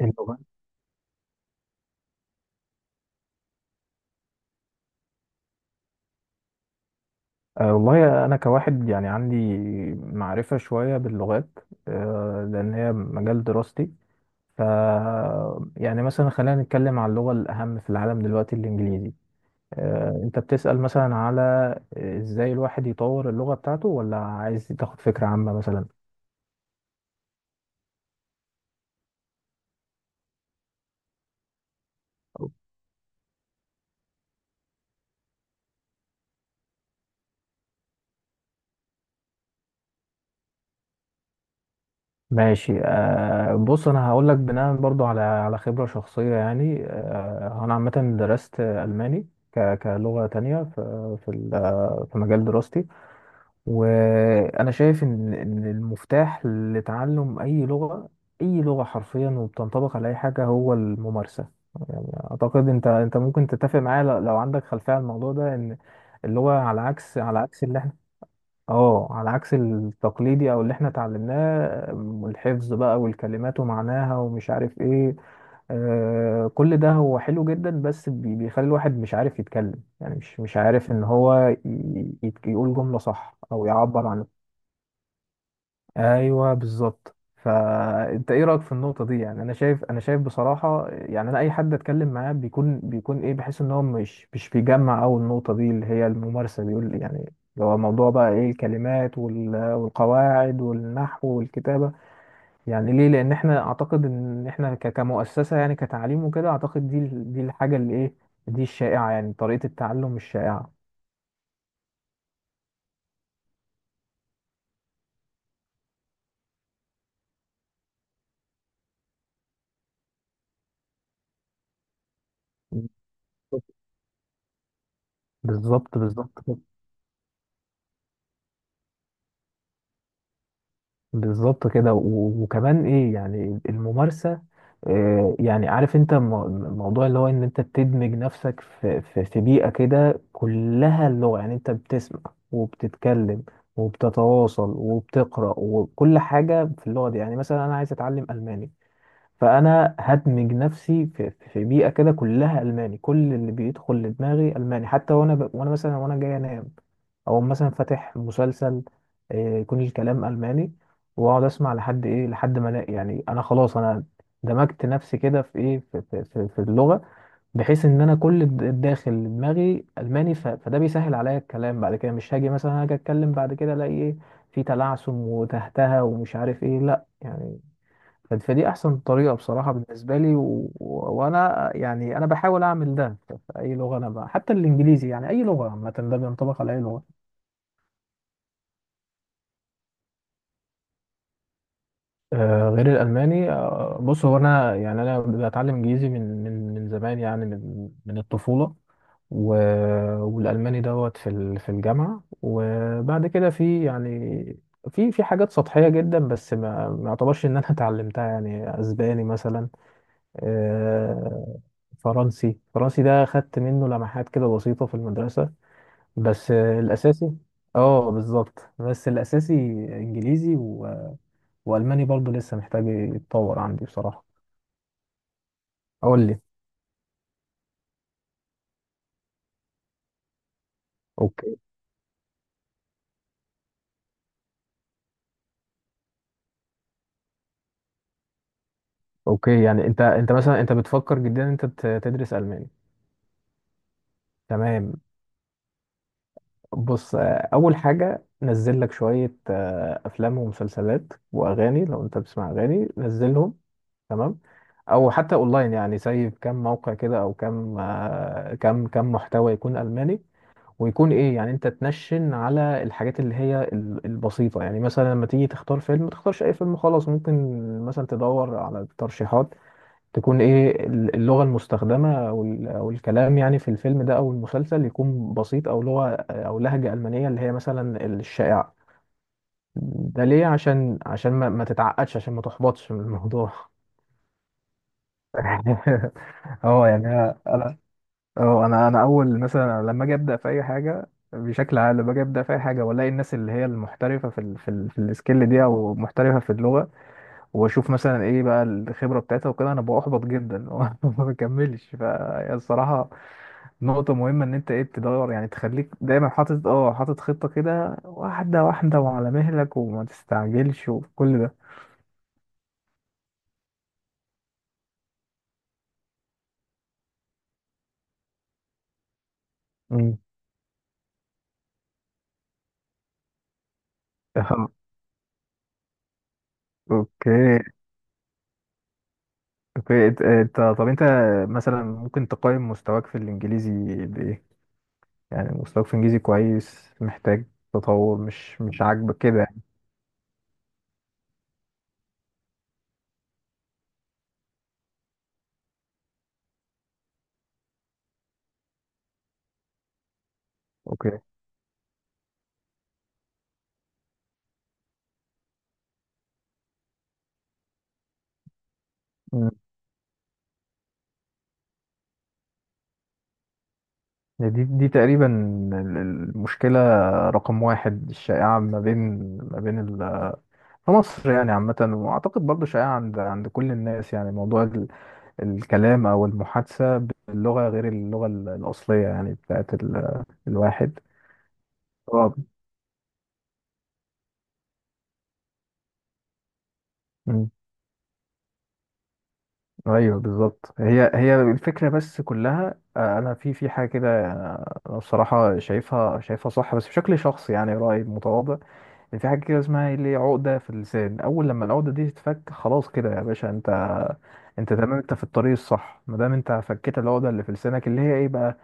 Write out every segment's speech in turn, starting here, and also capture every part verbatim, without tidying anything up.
اللغات. أه والله أنا كواحد يعني عندي معرفة شوية باللغات، أه لأن هي مجال دراستي. ف يعني مثلا خلينا نتكلم عن اللغة الأهم في العالم دلوقتي، الإنجليزي. أه أنت بتسأل مثلا على، آه، إزاي الواحد يطور اللغة بتاعته، ولا عايز تاخد فكرة عامة مثلا؟ ماشي. أه بص، أنا هقول لك بناء برضو على على خبرة شخصية. يعني أه أنا عامة درست ألماني ك- كلغة تانية في في ال- في مجال دراستي. وانا شايف ان ان المفتاح لتعلم اي لغه، اي لغه حرفيا، وبتنطبق على اي حاجه، هو الممارسه. يعني اعتقد انت انت ممكن تتفق معايا، ل- لو عندك خلفيه عن الموضوع ده، ان اللغه على عكس على عكس اللي احنا اه على عكس التقليدي، او اللي احنا اتعلمناه، م، الحفظ بقى، والكلمات ومعناها، ومش عارف ايه. آه كل ده هو حلو جدا، بس بي- بيخلي الواحد مش عارف يتكلم، يعني مش مش عارف ان هو ي- يت- يقول جملة صح او يعبر عن. ايوه بالظبط. فانت ايه رايك في النقطه دي؟ يعني انا شايف انا شايف بصراحه، يعني انا اي حد اتكلم معاه بيكون بيكون ايه، بحس ان هو مش مش بيجمع، او النقطه دي اللي هي الممارسه، بيقول يعني اللي هو موضوع بقى ايه، الكلمات وال- والقواعد والنحو والكتابه. يعني ليه؟ لان احنا اعتقد ان احنا ك- كمؤسسه، يعني كتعليم وكده، اعتقد دي ال- دي الحاجه اللي ايه، دي الشائعه، يعني طريقه التعلم الشائعه. بالظبط، بالظبط، بالظبط. بالظبط كده. و- وكمان ايه يعني الممارسة. آه، يعني عارف انت، مو- موضوع اللي هو ان انت بتدمج نفسك في في في بيئة كده كلها اللغة، يعني انت بتسمع وبتتكلم وبتتواصل وبتقرأ وكل حاجة في اللغة دي. يعني مثلا انا عايز اتعلم ألماني، فانا هدمج نفسي في, في بيئه كده كلها الماني، كل اللي بيدخل لدماغي الماني، حتى وانا ب... وانا مثلا وانا جاي انام، او مثلا فاتح مسلسل، آه، يكون الكلام الماني، واقعد اسمع لحد ايه، لحد ما أنا- يعني انا خلاص انا دمجت نفسي كده في ايه، في, في, في, في اللغه، بحيث ان انا كل الد- الداخل دماغي الماني، ف... فده بيسهل عليا الكلام بعد كده. مش هاجي مثلا، هاجي اتكلم بعد كده الاقي ايه، في تلعثم وتهتها ومش عارف ايه، لا يعني. ف- فدي احسن طريقه بصراحه بالنسبه لي. و... و... وانا يعني انا بحاول اعمل ده في في اي لغه انا بقى. حتى الانجليزي، يعني اي لغه عامه، ده بينطبق على اي لغه. آه غير الالماني، آه بص، هو انا يعني انا بتعلم انجليزي من من من زمان، يعني من من الطفوله. و... والالماني دوت في ال... في الجامعه، وبعد كده في يعني في في حاجات سطحيه جدا، بس ما ما اعتبرش ان انا اتعلمتها. يعني اسباني مثلا، آه، فرنسي، فرنسي ده خدت منه لمحات كده بسيطة في المدرسة، بس آه، الأساسي. اه بالظبط، بس الأساسي إنجليزي، و... وألماني برضو لسه محتاج يتطور عندي بصراحة. أقول لي. اوكي. اوكي يعني انت انت مثلا، انت بتفكر جدا ان انت ت- تدرس الماني. تمام. بص، آه، اول حاجه نزل لك شويه، آه، افلام ومسلسلات واغاني، لو انت بتسمع اغاني نزلهم. تمام. او حتى اونلاين، يعني زي كم موقع كده، او كم، آه، كم كم محتوى يكون الماني. ويكون ايه يعني، انت تنشن على الحاجات اللي هي ال- البسيطه. يعني مثلا لما تيجي تختار فيلم، ما تختارش اي فيلم خلاص، ممكن مثلا تدور على ترشيحات تكون ايه ال- اللغه المستخدمه، او ال- أو الكلام يعني في الفيلم ده او المسلسل يكون بسيط، او لغه، آه، او لهجه المانيه اللي هي مثلا الشائعه. ده ليه؟ عشان عشان ما, ما تتعقدش، عشان ما تحبطش من الموضوع. اه يعني انا انا اه انا انا اول مثلا لما اجي ابدا في اي حاجه، بشكل عام لما اجي ابدا في اي حاجه، والاقي الناس اللي هي المحترفه في ال في, ال في السكيل دي، او محترفه في اللغه، واشوف مثلا ايه بقى الخبره بتاعتها وكده، انا ببقى احبط جدا ما بكملش. فهي الصراحه نقطه مهمه، ان انت ايه تدور يعني، تخليك دايما حاطط اه حاطط خطه كده، واحده واحده، وعلى مهلك، وما تستعجلش، وكل ده. مم. اوكي. اوكي. انت انت- طب انت مثلا ممكن تقيم مستواك في الانجليزي بايه؟ يعني مستواك في الانجليزي كويس، محتاج تطور، مش مش عاجبك كده يعني؟ اوكي. مم. يعني دي دي تقريبا ال- المشكله رقم واحد الشائعه ما بين، ما بين ال- في مصر يعني عامه، واعتقد برضو شائعه عند عند كل الناس. يعني موضوع ال- الكلام او المحادثه باللغه غير اللغه ال- الاصليه، يعني بتاعت ال- الواحد. اه ايوه بالظبط. هي هي الفكره بس كلها، آه، انا في في حاجه كده، آه، انا بصراحه شايفها شايفها صح بس بشكل شخصي، يعني رايي متواضع، ان في حاجه كده اسمها اللي هي عقده في اللسان. اول لما العقده دي تتفك، خلاص كده يا باشا، انت انت تمام، انت في الطريق الصح ما دام انت فكيت العقده اللي في لسانك، اللي هي ايه بقى،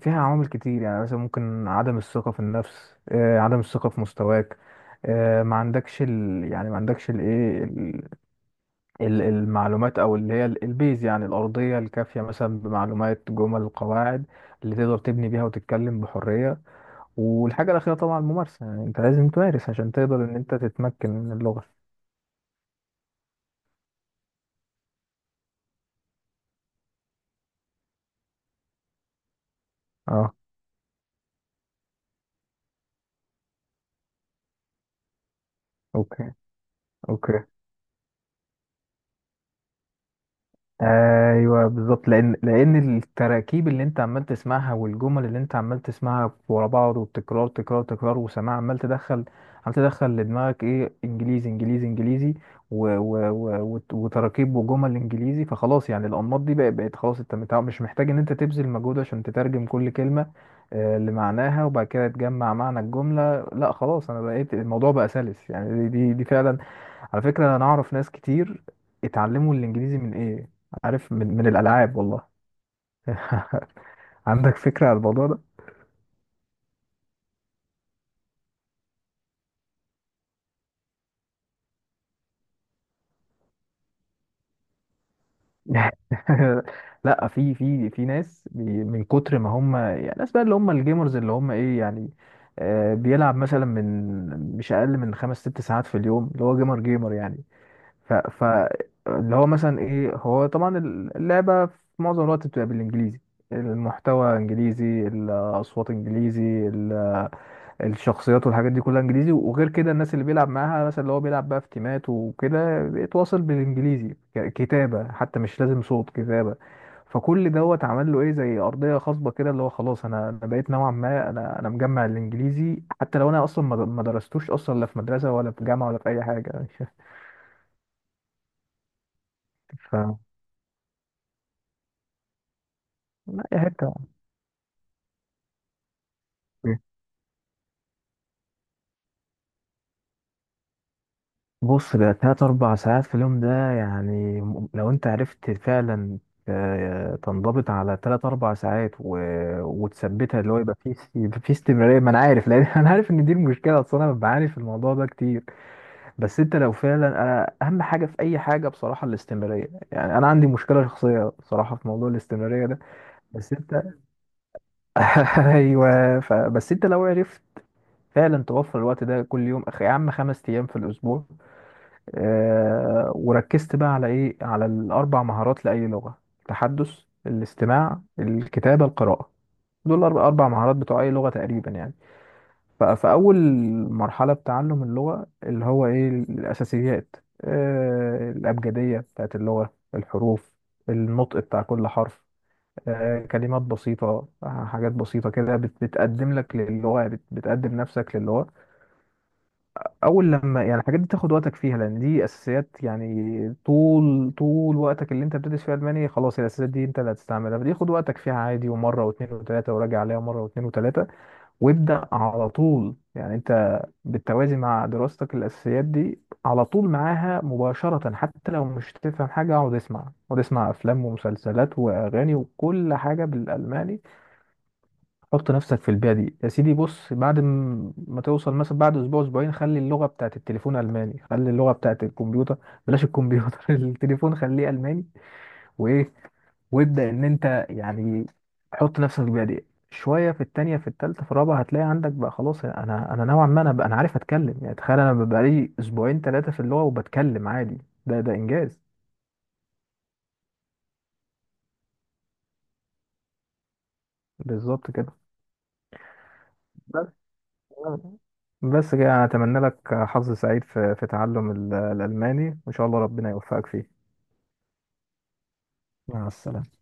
فيها عوامل كتير. يعني مثلا ممكن عدم الثقه في النفس، آه، عدم الثقه في مستواك، آه، ما عندكش ال... يعني ما عندكش الايه ال- المعلومات، او اللي هي ال- البيز، يعني الارضيه الكافيه، مثلا بمعلومات جمل قواعد اللي تقدر تبني بيها وتتكلم بحريه. والحاجه الاخيره طبعا الممارسه، يعني انت لازم تمارس عشان تقدر ان انت تتمكن من اللغه. اه. اوكي. اوكي. ايوه بالظبط، لان لان التراكيب اللي انت عمال تسمعها، والجمل اللي انت عمال تسمعها ورا بعض، والتكرار تكرار تكرار وسماع، عمال تدخل، عمال تدخل لدماغك ايه، انجليزي انجليزي انجليزي، و و و وت- وتراكيب وجمل انجليزي. فخلاص يعني الانماط دي بقت بقت خلاص. انت متع- مش محتاج ان انت تبذل مجهود عشان تترجم كل كلمه آه، لمعناها، وبعد كده تجمع معنى الجمله. لا خلاص، انا بقيت، الموضوع بقى سلس يعني. دي دي, دي فعلا. على فكره، انا اعرف ناس كتير اتعلموا الانجليزي من ايه، عارف؟ من من الالعاب والله. عندك فكره عن الموضوع ده؟ لا، في في في ناس بي- من كتر ما هم، يعني الناس بقى اللي هم الجيمرز، اللي هم ايه يعني، آه، بيلعب مثلا من مش اقل من خمس ست ساعات في اليوم، اللي هو جيمر جيمر يعني. ف ف اللي هو مثلا ايه، هو طبعا اللعبه في معظم الوقت بتبقى بالانجليزي، المحتوى انجليزي، الاصوات انجليزي، الشخصيات والحاجات دي كلها انجليزي. وغير كده الناس اللي بيلعب معاها، مثلا اللي هو بيلعب بقى في تيمات وكده، بيتواصل بالانجليزي ك- كتابة، حتى مش لازم صوت، كتابة. فكل دوت عمل له ايه زي ارضيه خصبه كده، اللي هو خلاص انا انا بقيت نوعا ما، انا انا مجمع الانجليزي، حتى لو انا اصلا ما ما درستوش اصلا، لا في مدرسه ولا في جامعه ولا في اي حاجه. ف لا يا حته يعني. بص، ده تلات أربع ساعات في اليوم ده يعني، م- لو أنت عرفت فعلا، آه، تنضبط على تلات أربع ساعات و... وتثبتها، اللي هو يبقى فيه است- يبقى فيه استمرارية. ما أنا عارف، لأن أنا عارف إن دي المشكلة، أصل أنا بعاني في الموضوع ده كتير. بس أنت لو فعلا، أنا أهم حاجة في أي حاجة بصراحة الاستمرارية، يعني أنا عندي مشكلة شخصية بصراحة في موضوع الاستمرارية ده. بس أنت أيوه. ف... بس أنت لو عرفت فعلا توفر الوقت ده كل يوم، أخ- يا عم خمس أيام في الأسبوع، آه، وركزت بقى على ايه، على الاربع مهارات لاي لغه: التحدث، الاستماع، الكتابه، القراءه. دول الأرب- اربع مهارات بتوع اي لغه تقريبا يعني. ف- فاول مرحله بتعلم اللغه اللي هو ايه، الاساسيات، آه، الابجديه بتاعت اللغه، الحروف، النطق بتاع كل حرف، آه، كلمات بسيطة، آه، حاجات بسيطة كده بت- بتقدم لك للغة، بت- بتقدم نفسك للغة. اول لما يعني الحاجات دي تاخد وقتك فيها لان دي اساسيات، يعني طول طول وقتك اللي انت بتدرس فيها الماني خلاص الاساسيات دي انت اللي هتستعملها. فدي خد وقتك فيها عادي، ومره واثنين وثلاثه، وراجع عليها مره واثنين وثلاثه. وابدا على طول يعني، انت بالتوازي مع دراستك الاساسيات دي على طول معاها مباشره، حتى لو مش تفهم حاجه. اقعد اسمع، اقعد اسمع، افلام ومسلسلات واغاني وكل حاجه بالالماني. حط نفسك في البيئة دي يا سيدي. بص بعد م- ما توصل مثلا، بعد أسبوع أسبوعين، خلي اللغة بتاعت التليفون ألماني، خلي اللغة بتاعت الكمبيوتر، بلاش الكمبيوتر التليفون خليه ألماني. وإيه، وابدأ إن أنت يعني حط نفسك في البيئة دي. شوية في التانية، في التالتة، في الرابعة، هتلاقي عندك بقى خلاص، أنا أنا نوعا ما، أنا بقى، أنا عارف أتكلم يعني. تخيل أنا بقالي أسبوعين تلاتة في اللغة وبتكلم عادي! ده ده إنجاز. بالظبط كده. بس كده انا اتمنى لك حظ سعيد في في تعلم ال- الالماني، وان شاء الله ربنا يوفقك فيه. مع السلامة.